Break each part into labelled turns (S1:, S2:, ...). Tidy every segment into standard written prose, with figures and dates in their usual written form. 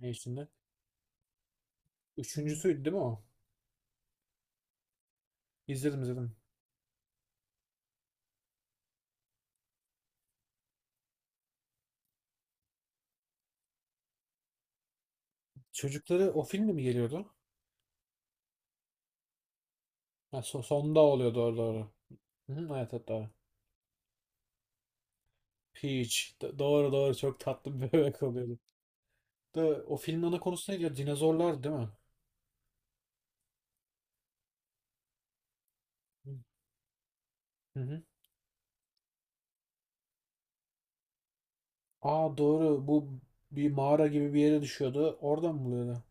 S1: Ne içinde? Üçüncüsüydü değil mi o? İzledim, izledim. Çocukları o filmde mi geliyordu? Ha, sonda oluyor, doğru doğru. Hı hı, evet evet, doğru. Peach. Doğru doğru, çok tatlı bir bebek oluyordu. Da, o filmin ana konusu neydi ya? Dinozorlar değil mi? Hı hı. Aa doğru, bu bir mağara gibi bir yere düşüyordu. Oradan mı buluyordu?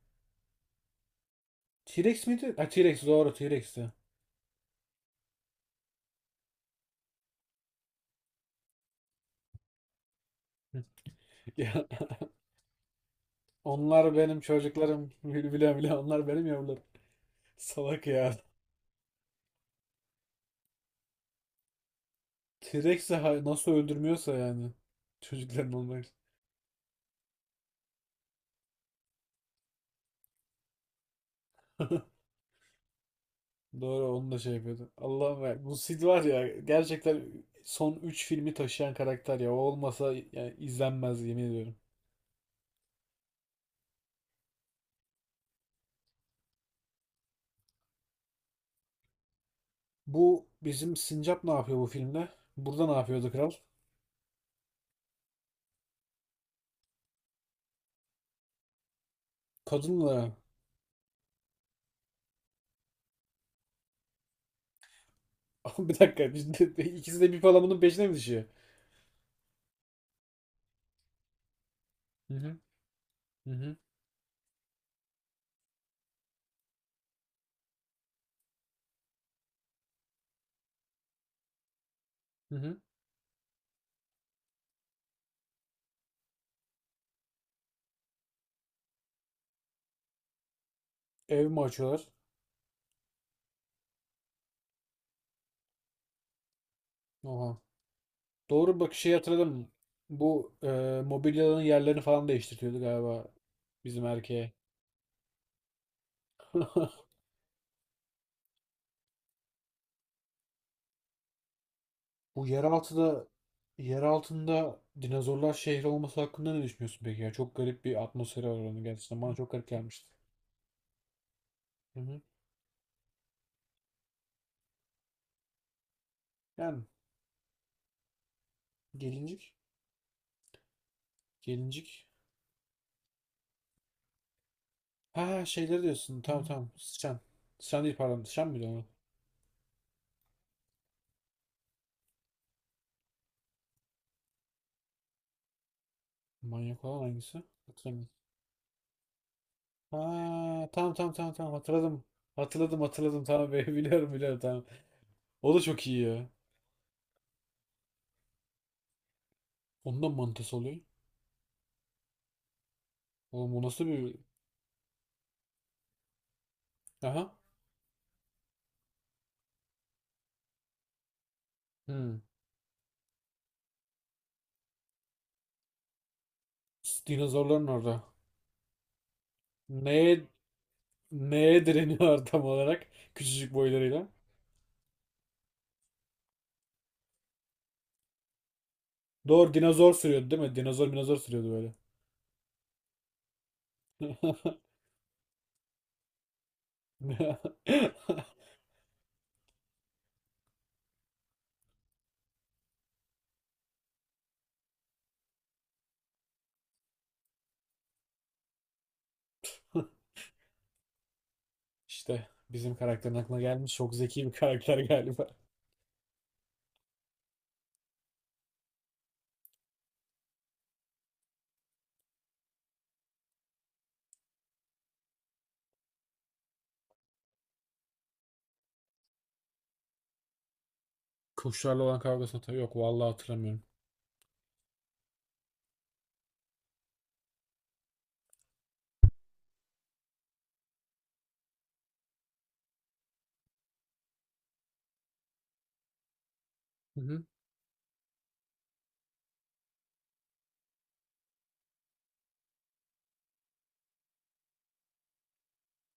S1: T-Rex miydi? Ha, T-Rex, doğru, T-Rex'ti. Ya, onlar benim çocuklarım. Bile bile onlar benim yavrularım. Salak ya. T-Rex'i nasıl öldürmüyorsa yani. Çocukların olmak. Doğru, onu da şey yapıyordu. Allah'ım ya. Bu Sid var ya, gerçekten son 3 filmi taşıyan karakter ya. O olmasa yani izlenmez, yemin ediyorum. Bu bizim Sincap ne yapıyor bu filmde? Burada ne yapıyordu kral? Kadınla. Bir dakika, şimdi İkisi de bir palamının peşine mi düşüyor? Hı hı. Hı hı. Hı hı. Ev mi açıyorlar? Oha. Doğru, bak şey hatırladım. Bu mobilyaların yerlerini falan değiştiriyordu galiba bizim erkeğe. Bu yer altında dinozorlar şehri olması hakkında ne düşünüyorsun peki ya? Çok garip bir atmosferi var onun gerçekten. Bana çok garip gelmişti. Hı hı. Yani gelincik, gelincik. Ha, şeyleri diyorsun. Tamam tamam. Sıçan. Sıçan değil, pardon. Sıçan mıydı o? Manyak olan hangisi? Hatırlamıyorum. Ha, tamam tamam tamam tamam, hatırladım. Hatırladım hatırladım, tamam be. Biliyorum biliyorum, tamam. O da çok iyi ya. Ondan mantısı oluyor. Oğlum o nasıl bir... Aha. Hmm. Dinozorların orada. Neye Neye direniyor tam olarak? Küçücük boylarıyla. Doğru, dinozor sürüyordu değil mi? Dinozor minozor sürüyordu böyle. İşte bizim karakterin aklına gelmiş. Çok zeki bir karakter galiba. Kuşlarla olan kavgası hatırlıyor. Yok vallahi, hatırlamıyorum. Hı hı.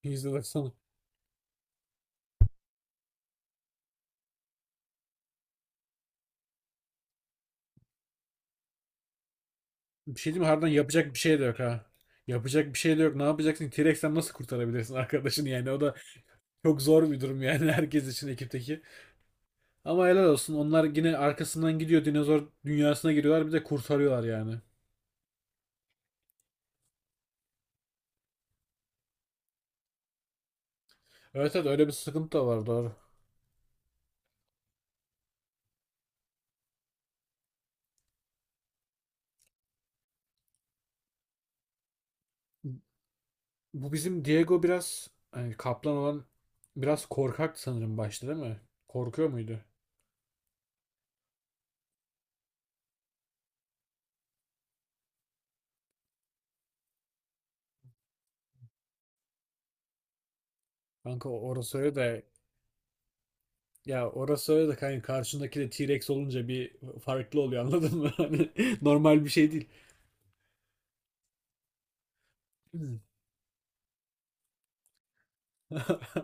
S1: İzle baksana. Bir şey diyeyim mi? Harbiden yapacak bir şey de yok ha. Yapacak bir şey de yok. Ne yapacaksın? T-Rex'ten nasıl kurtarabilirsin arkadaşını yani? O da çok zor bir durum yani, herkes için ekipteki. Ama helal olsun. Onlar yine arkasından gidiyor. Dinozor dünyasına giriyorlar. Bir de kurtarıyorlar yani. Evet evet, öyle bir sıkıntı da var, doğru. Bu bizim Diego biraz hani kaplan olan, biraz korkak sanırım başta değil mi? Korkuyor muydu? Kanka, orası öyle de ya, orası öyle de kanka, karşındaki de T-Rex olunca bir farklı oluyor, anladın mı? Hani normal bir şey değil.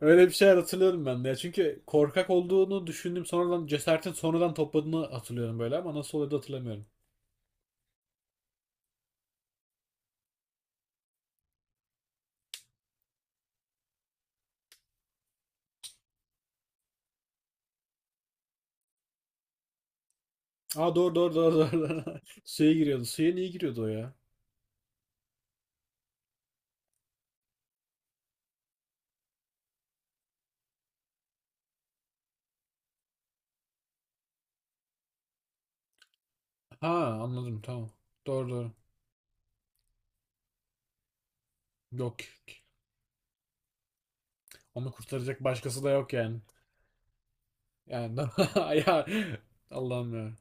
S1: Öyle bir şeyler hatırlıyorum ben de ya. Çünkü korkak olduğunu düşündüm, sonradan cesaretin sonradan topladığını hatırlıyorum böyle, ama nasıl oluyordu hatırlamıyorum. Aa doğru doğru doğru doğru. Suya giriyordu. Suya niye giriyordu o ya? Ha, anladım, tamam. Doğru doğru. Yok. Onu kurtaracak başkası da yok yani. Yani ya, Allah'ım ya.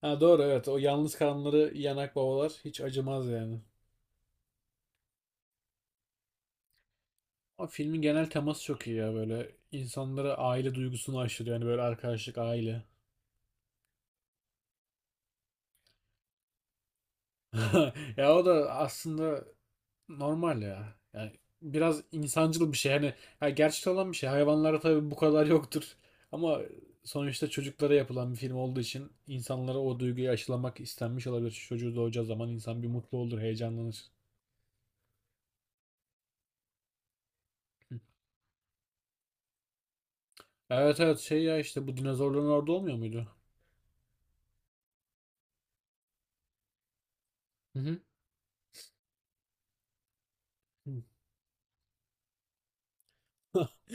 S1: Ha doğru, evet. O yalnız kalanları yanak babalar hiç acımaz yani. O filmin genel teması çok iyi ya böyle. İnsanlara aile duygusunu aşılıyor. Yani böyle arkadaşlık, aile. Ya, o da aslında normal ya. Yani biraz insancıl bir şey. Hani ya, gerçekten olan bir şey. Hayvanlara tabii bu kadar yoktur. Ama sonuçta çocuklara yapılan bir film olduğu için insanlara o duyguyu aşılamak istenmiş olabilir. Çocuğu doğacağı zaman insan bir mutlu olur, heyecanlanır. Hı. Evet evet, şey ya, işte bu dinozorların orada olmuyor muydu? Hı hı. Hı.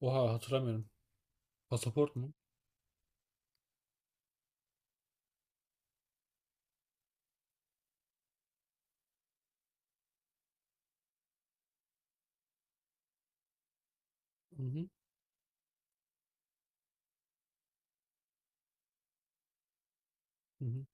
S1: Oha, hatırlamıyorum. Pasaport mu? Hı hı. Hı hı.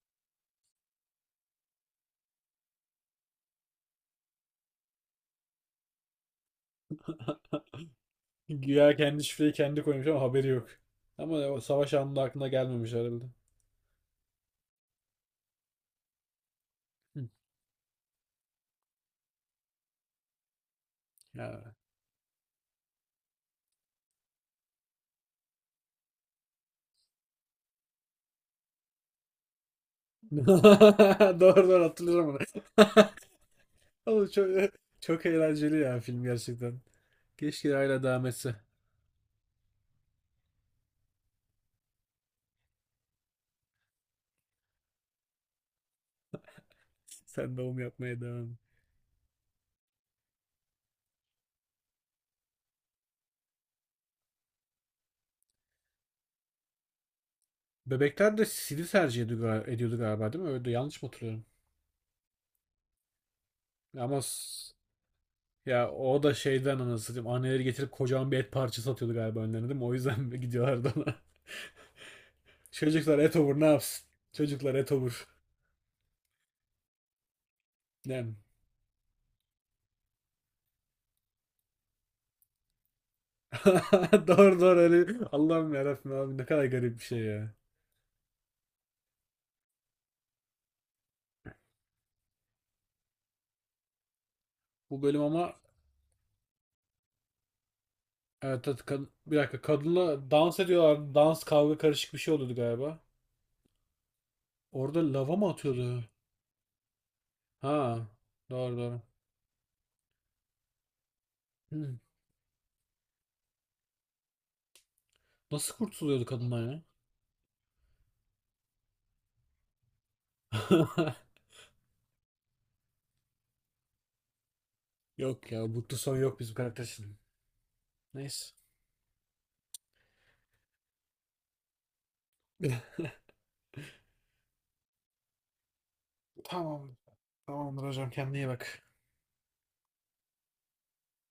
S1: Güya kendi şifreyi kendi koymuş ama haberi yok. Ama o savaş anında aklına gelmemiş herhalde. Hı, ya. Doğru doğru, hatırlıyorum onu. Oğlum çok, çok eğlenceli ya film, gerçekten. Keşke hala devam etse. Sen doğum yapmaya devam. Bebekler de CD tercih ediyordu, ediyordu galiba değil mi? Öyle yanlış mı hatırlıyorum? Ama s- ya, o da şeyden, anasını satayım. Anneleri getirip kocaman bir et parçası atıyordu galiba önlerine değil mi? O yüzden gidiyorlardı ona. Çocuklar et olur, ne yapsın? Çocuklar et olur. Nem. Doğru doğru öyle. Allah'ım yarabbim, abi ne kadar garip bir şey ya. Bu bölüm ama evet, evet bir dakika, kadınla dans ediyorlar. Dans kavga karışık bir şey oluyordu galiba. Orada lava mı atıyordu? Ha doğru doğru. Hmm. Nasıl kurtuluyordu kadından ya? Yok ya, mutlu son yok bizim karakter için. Neyse. Tamam. Tamamdır hocam, kendine iyi bak.